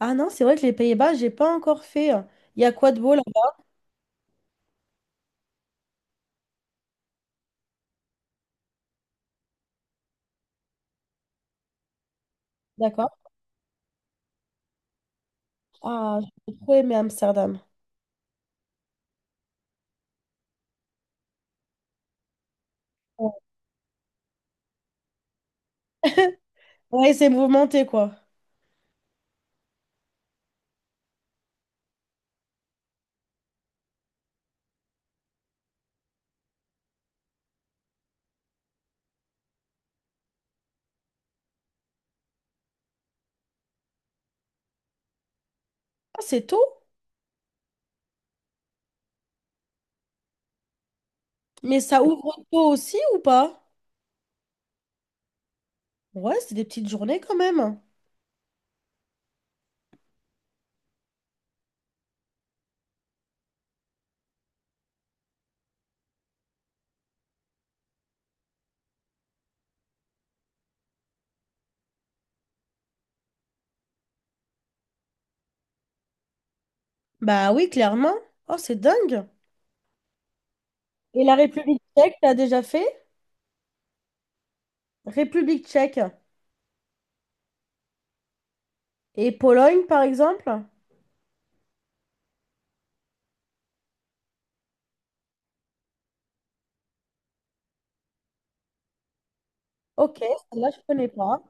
Ah non, c'est vrai que les Pays-Bas, j'ai pas encore fait, hein. Il y a quoi de beau là-bas? D'accord. Ah, j'ai trop aimé Amsterdam. Ouais, ouais, c'est mouvementé quoi. Ah, c'est tôt? Mais ça ouvre tôt aussi ou pas? Ouais, c'est des petites journées quand même, hein. Bah oui, clairement. Oh, c'est dingue. Et la République tchèque, t'as déjà fait? République tchèque. Et Pologne, par exemple? Ok, celle-là, je connais pas.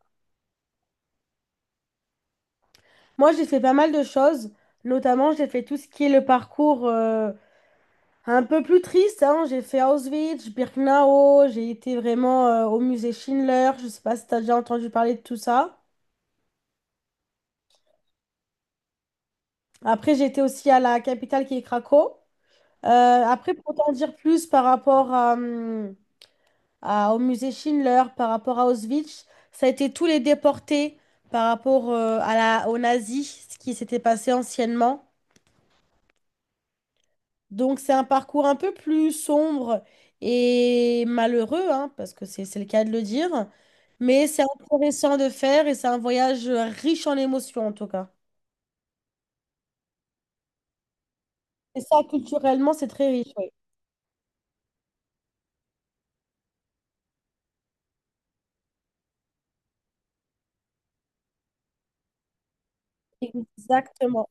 Moi, j'ai fait pas mal de choses. Notamment, j'ai fait tout ce qui est le parcours. Un peu plus triste, hein, j'ai fait Auschwitz, Birkenau, j'ai été vraiment au musée Schindler, je sais pas si t'as déjà entendu parler de tout ça. Après, j'ai été aussi à la capitale qui est Cracow. Euh, Après, pour t'en dire plus par rapport au musée Schindler, par rapport à Auschwitz, ça a été tous les déportés par rapport aux nazis, ce qui s'était passé anciennement. Donc c'est un parcours un peu plus sombre et malheureux, hein, parce que c'est le cas de le dire, mais c'est intéressant de faire et c'est un voyage riche en émotions en tout cas. Et ça, culturellement, c'est très riche, oui. Exactement,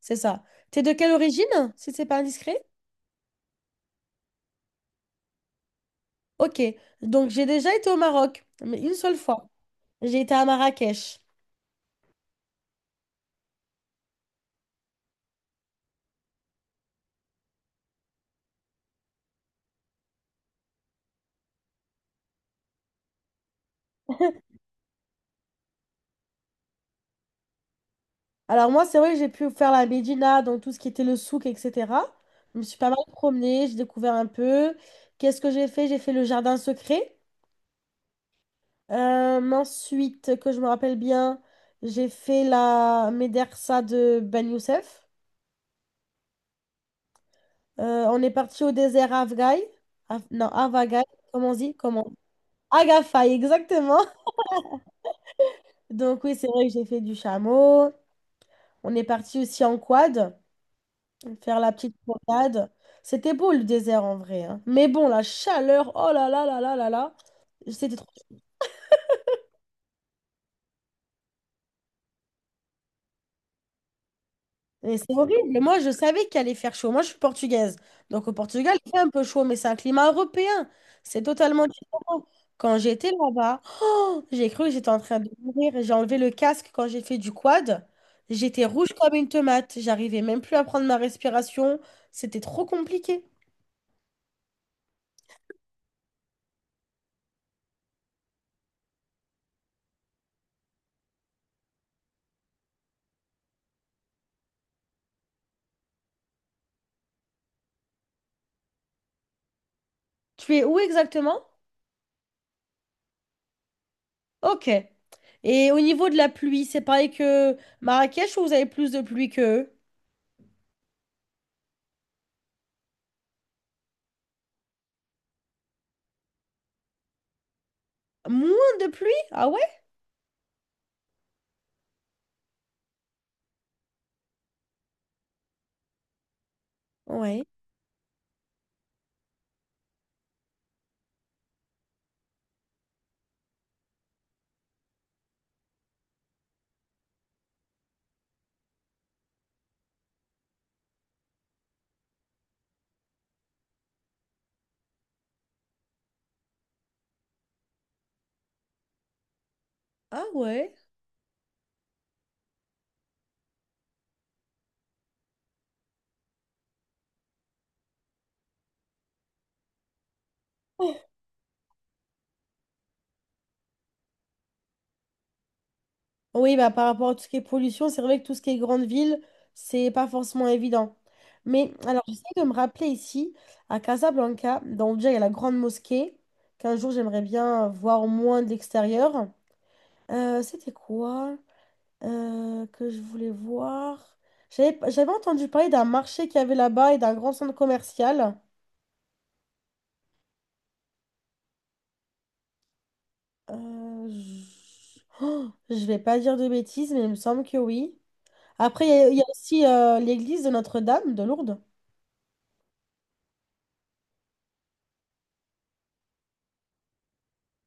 c'est ça. T'es de quelle origine, si c'est pas indiscret? Ok, donc j'ai déjà été au Maroc, mais une seule fois. J'ai été à Marrakech. Alors moi, c'est vrai que j'ai pu faire la Médina, donc tout ce qui était le souk, etc. Je me suis pas mal promenée, j'ai découvert un peu. Qu'est-ce que j'ai fait? J'ai fait le jardin secret. Ensuite, que je me rappelle bien, j'ai fait la Médersa de Ben Youssef. On est parti au désert Afghai. Non, Avagai, comment on dit? Comment? Agafay, exactement. Donc oui, c'est vrai que j'ai fait du chameau. On est parti aussi en quad faire la petite promenade. C'était beau le désert en vrai, hein. Mais bon, la chaleur, oh là là là là là là, c'était trop. Et c'est horrible. Moi, je savais qu'il allait faire chaud. Moi, je suis portugaise. Donc au Portugal, il fait un peu chaud, mais c'est un climat européen. C'est totalement différent. Quand j'étais là-bas, oh, j'ai cru que j'étais en train de mourir. J'ai enlevé le casque quand j'ai fait du quad. J'étais rouge comme une tomate. J'arrivais même plus à prendre ma respiration. C'était trop compliqué. Tu es où exactement? Ok. Et au niveau de la pluie, c'est pareil que Marrakech ou vous avez plus de pluie que. Moins de pluie? Ah ouais? Ouais. Ah ouais. Oh. Oui, bah, par rapport à tout ce qui est pollution, c'est vrai que tout ce qui est grande ville, c'est pas forcément évident. Mais alors, j'essaie de me rappeler ici, à Casablanca, donc déjà, il y a la grande mosquée, qu'un jour, j'aimerais bien voir au moins de l'extérieur. C'était quoi? Que je voulais voir. J'avais entendu parler d'un marché qu'il y avait là-bas et d'un grand centre commercial. Oh, je vais pas dire de bêtises, mais il me semble que oui. Après, il y a aussi l'église de Notre-Dame de Lourdes.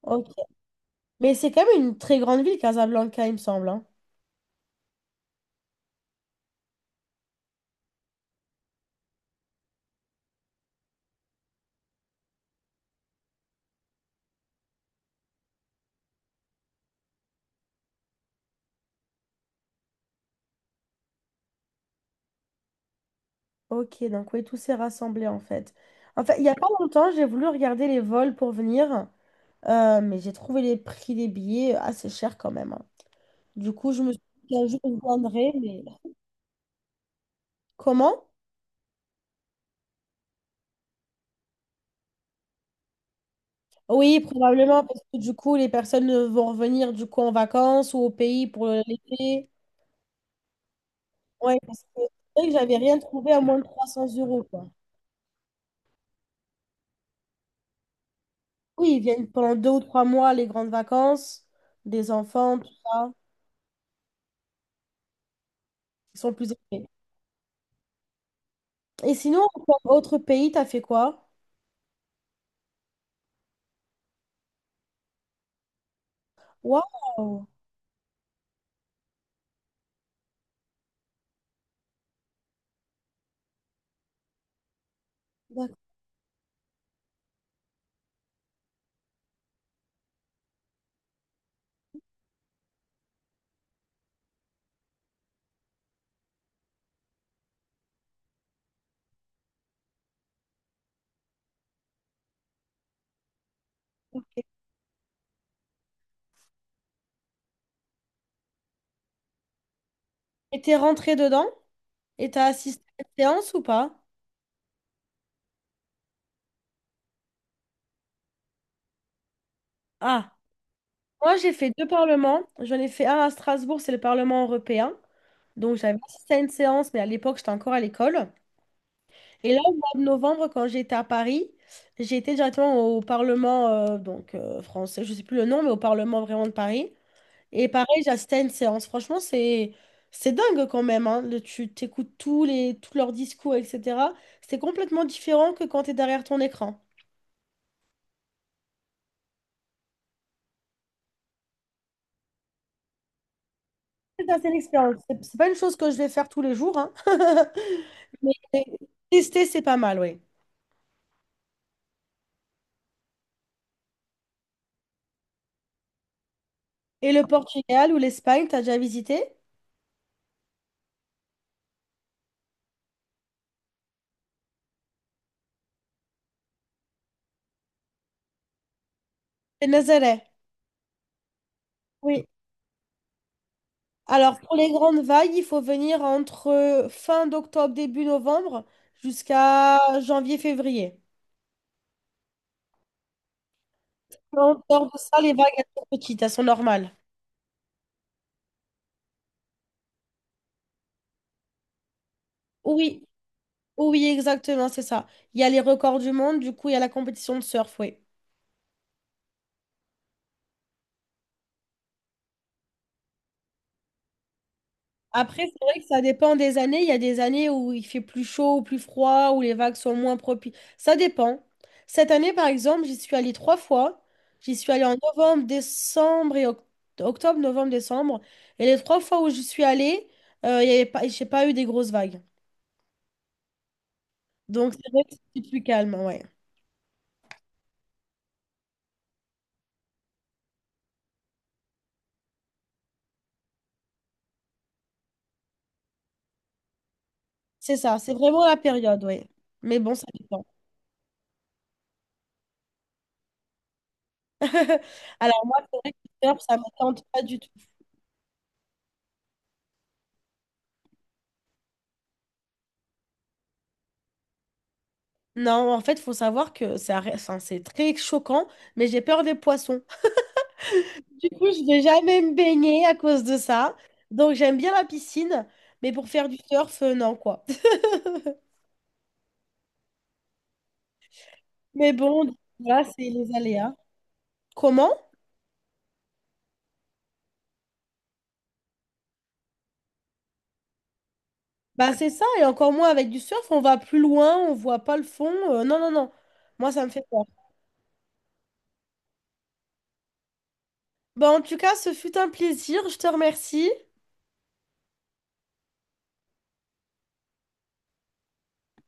Ok. Mais c'est quand même une très grande ville, Casablanca, il me semble, hein. Ok, donc oui, tout s'est rassemblé en fait. En fait, il n'y a pas longtemps, j'ai voulu regarder les vols pour venir, mais j'ai trouvé les prix des billets assez chers quand même, hein. Du coup, je me suis dit qu'un jour, je viendrai, mais. Comment? Oui, probablement, parce que du coup, les personnes vont revenir du coup en vacances ou au pays pour l'été. Oui, parce que c'est vrai que j'avais rien trouvé à moins de 300 euros, quoi. Oui, ils viennent pendant 2 ou 3 mois, les grandes vacances, des enfants, tout ça. Ils sont plus épais. Et sinon, en autre pays, t'as fait quoi? Waouh! D'accord. Et t'es rentré dedans? Et t'as assisté à une séance ou pas? Ah. Moi, j'ai fait deux parlements. J'en ai fait un à Strasbourg, c'est le Parlement européen. Donc, j'avais assisté à une séance, mais à l'époque, j'étais encore à l'école. Et là, au mois de novembre, quand j'étais à Paris, j'ai été directement au Parlement donc, français, je ne sais plus le nom, mais au Parlement vraiment de Paris. Et pareil, j'ai assisté à une séance. Franchement, c'est dingue quand même, hein. Tu t'écoutes tous les, tous leurs discours, etc. C'est complètement différent que quand tu es derrière ton écran. C'est assez l'expérience. C'est pas une chose que je vais faire tous les jours, hein. Mais tester, c'est pas mal, oui. Et le Portugal ou l'Espagne, t'as déjà visité? C'est Nazaré. Oui. Alors, pour les grandes vagues, il faut venir entre fin d'octobre, début novembre, jusqu'à janvier-février. En dehors de ça, les vagues, elles sont petites, elles sont normales. Oui, oui, exactement, c'est ça. Il y a les records du monde, du coup, il y a la compétition de surf, oui. Après, c'est vrai que ça dépend des années. Il y a des années où il fait plus chaud ou plus froid, où les vagues sont moins propices. Ça dépend. Cette année, par exemple, j'y suis allée trois fois. J'y suis allée en novembre, décembre et octobre, novembre, décembre. Et les trois fois où j'y suis allée, il y avait pas, j'ai pas eu des grosses vagues. Donc, c'est vrai que c'est plus calme, ouais. C'est ça, c'est vraiment la période, ouais. Mais bon, ça dépend. Alors, moi, c'est vrai que le surf, ça me tente pas du tout. Non, en fait, faut savoir que ça, enfin, c'est très choquant, mais j'ai peur des poissons. Du coup, je vais jamais me baigner à cause de ça. Donc, j'aime bien la piscine, mais pour faire du surf, non, quoi. Mais bon, voilà, c'est les aléas. Comment? Bah, c'est ça, et encore moins avec du surf, on va plus loin, on voit pas le fond. Non, non, non. Moi, ça me fait peur. Bah, en tout cas, ce fut un plaisir, je te remercie.